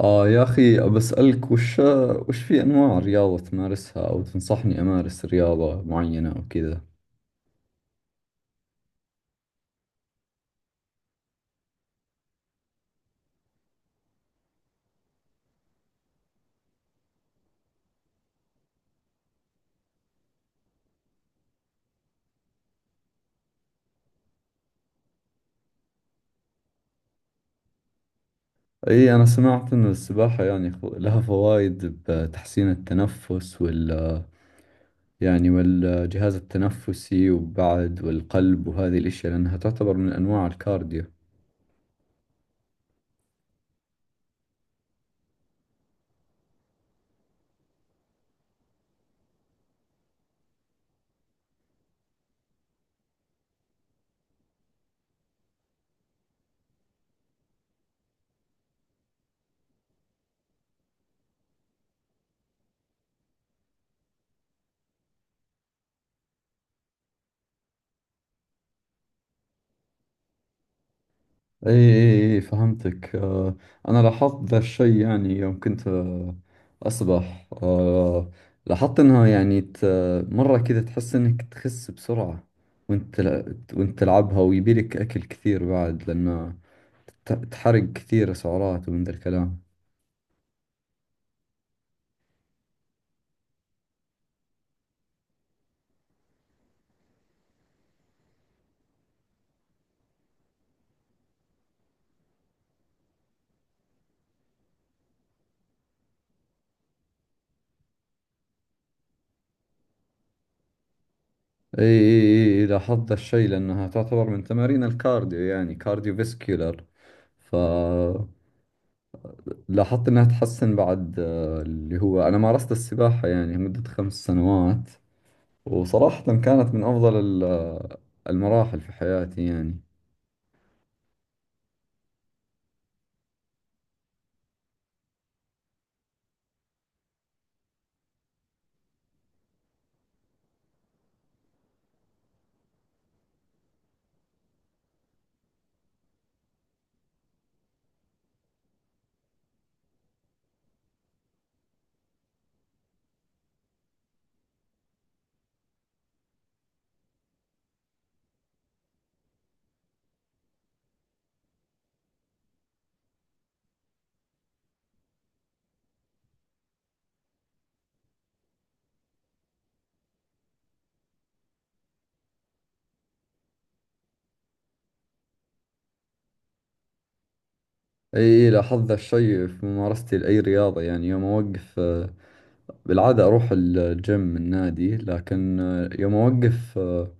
آه يا أخي بسألك وش في أنواع رياضة تمارسها أو تنصحني أمارس رياضة معينة أو كذا. إي، أنا سمعت أن السباحة يعني لها فوائد بتحسين التنفس والجهاز التنفسي، وبعد والقلب وهذه الأشياء لأنها تعتبر من أنواع الكارديو. اي اي اي، فهمتك. انا لاحظت ذا الشيء يعني يوم كنت اسبح. لاحظت انها يعني مرة كذا تحس انك تخس بسرعة، وانت تلعبها، ويبيلك اكل كثير بعد لان تحرق كثير سعرات ومن ذا الكلام. اي اي اي إي، لاحظت ذا الشيء لانها تعتبر من تمارين الكارديو يعني كارديو فيسكيولر. لاحظت انها تحسن بعد، اللي هو انا مارست السباحة يعني مدة خمس سنوات، وصراحة كانت من افضل المراحل في حياتي يعني. اي إي، لاحظت ذا الشيء في ممارستي لأي رياضة يعني يوم اوقف، بالعادة اروح الجيم النادي، لكن يوم اوقف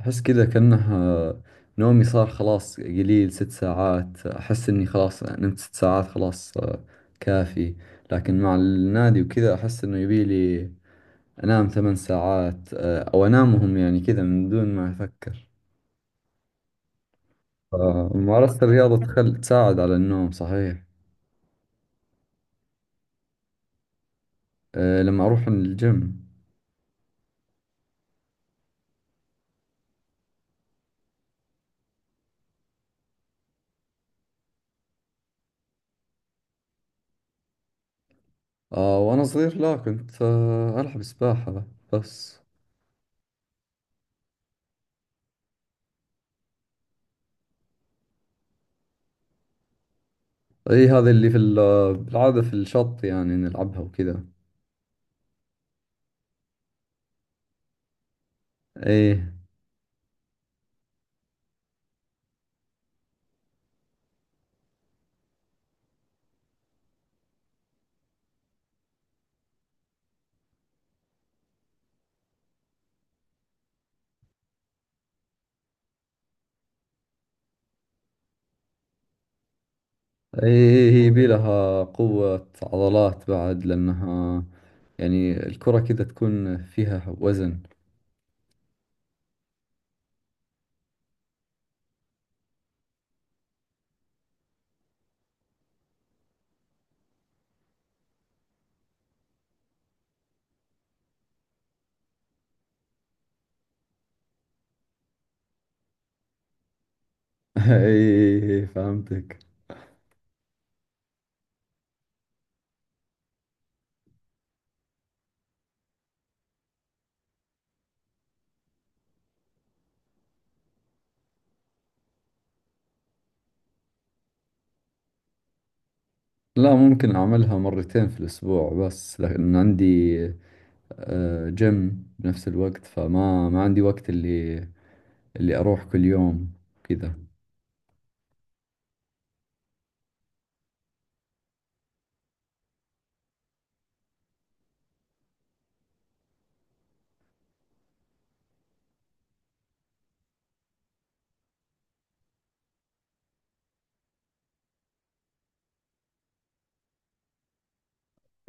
احس كذا كأنه نومي صار خلاص قليل. ست ساعات احس اني خلاص نمت ست ساعات خلاص، كافي. لكن مع النادي وكذا احس انه يبي لي أنام ثمان ساعات، أو أنامهم يعني كذا من دون ما أفكر. فممارسة الرياضة تساعد على النوم، صحيح. لما أروح الجيم. وأنا صغير لا، كنت ألعب سباحة بس. أي، هذه اللي في بالعادة في الشط يعني نلعبها وكذا. أي أي، هي هي بيلها قوة عضلات بعد لأنها يعني الكرة كذا تكون فيها وزن. أي أي، فهمتك. لا، ممكن أعملها مرتين في الأسبوع بس لأن عندي جيم بنفس الوقت، فما ما عندي وقت اللي أروح كل يوم كذا.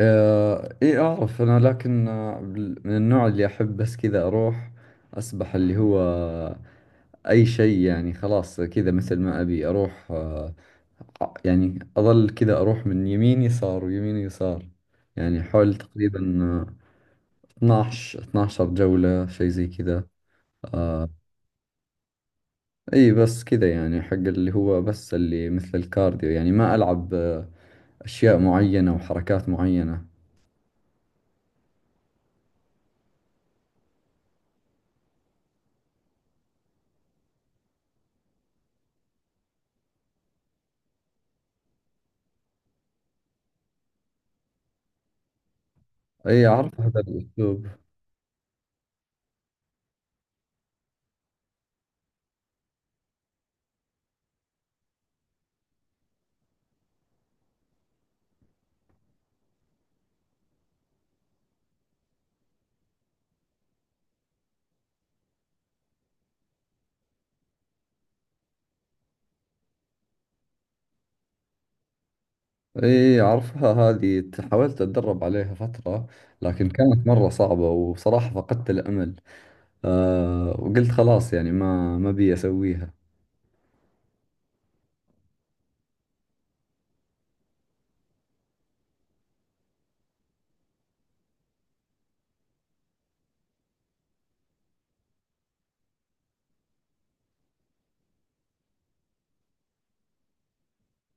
إيه أعرف أنا، لكن من النوع اللي أحب بس كذا أروح أسبح اللي هو أي شيء يعني. خلاص كذا مثل ما أبي أروح، يعني أظل كذا أروح من يمين يسار ويمين يسار، يعني حول تقريبا 12 جولة شيء زي كذا. آه، اي بس كذا يعني حق اللي هو بس اللي مثل الكارديو، يعني ما العب اشياء معينة وحركات معينة. اي، اعرف هذا الاسلوب. اي، اعرفها هذه. حاولت اتدرب عليها فترة لكن كانت مرة صعبة، وصراحة فقدت الامل. وقلت خلاص يعني ما بي اسويها.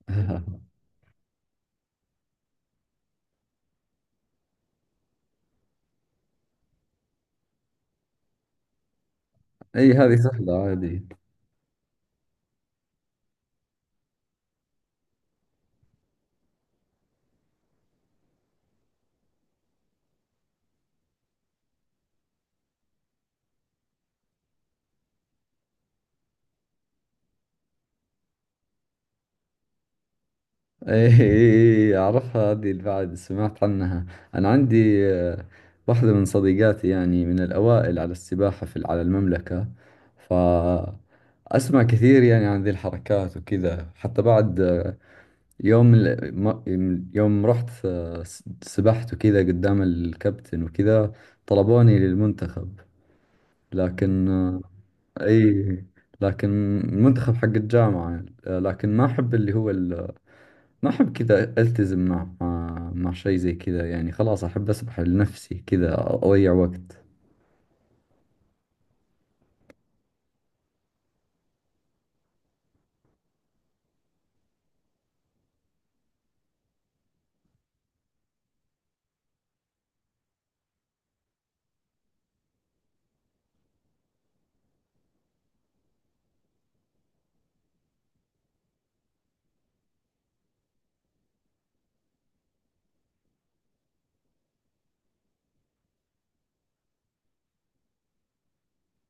اي، هذه سهلة عادي. ايه إيه، اعرفها هذه. البعد سمعت عنها. انا عندي واحدة من صديقاتي يعني من الاوائل على السباحة في على المملكة، فاسمع كثير يعني عن ذي الحركات وكذا. حتى بعد يوم يوم رحت سبحت وكذا قدام الكابتن وكذا طلبوني للمنتخب، لكن اي، لكن المنتخب حق الجامعة، لكن ما احب اللي هو ما أحب كذا ألتزم مع شيء زي كذا يعني. خلاص أحب أسبح لنفسي كذا أضيع وقت.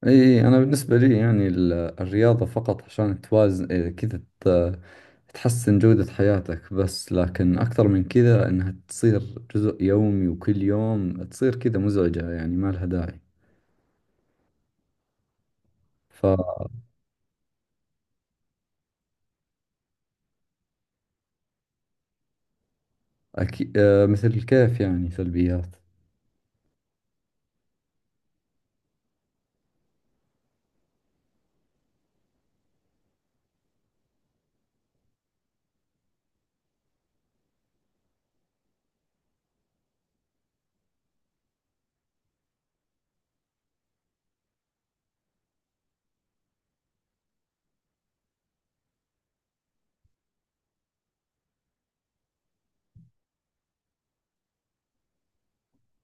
إي، أنا بالنسبة لي يعني الرياضة فقط عشان توازن، إيه، كذا تحسن جودة حياتك بس، لكن أكثر من كذا إنها تصير جزء يومي وكل يوم تصير كذا مزعجة يعني ما لها داعي. ف أكي... آه، مثل الكيف يعني سلبيات.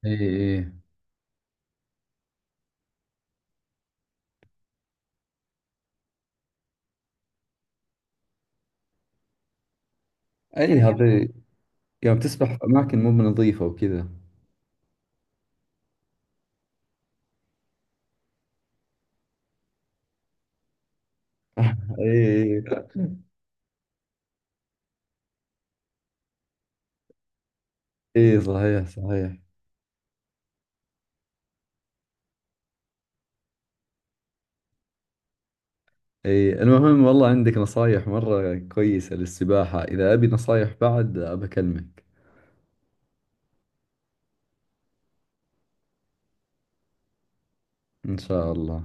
إي إي. أي أيوة، هذه يوم تسبح في أماكن مو بنظيفة وكذا. إي إي. إي صحيح صحيح. اي، المهم، والله عندك نصايح مرة كويسة للسباحة. إذا أبي نصايح بعد أبكلمك. إن شاء الله.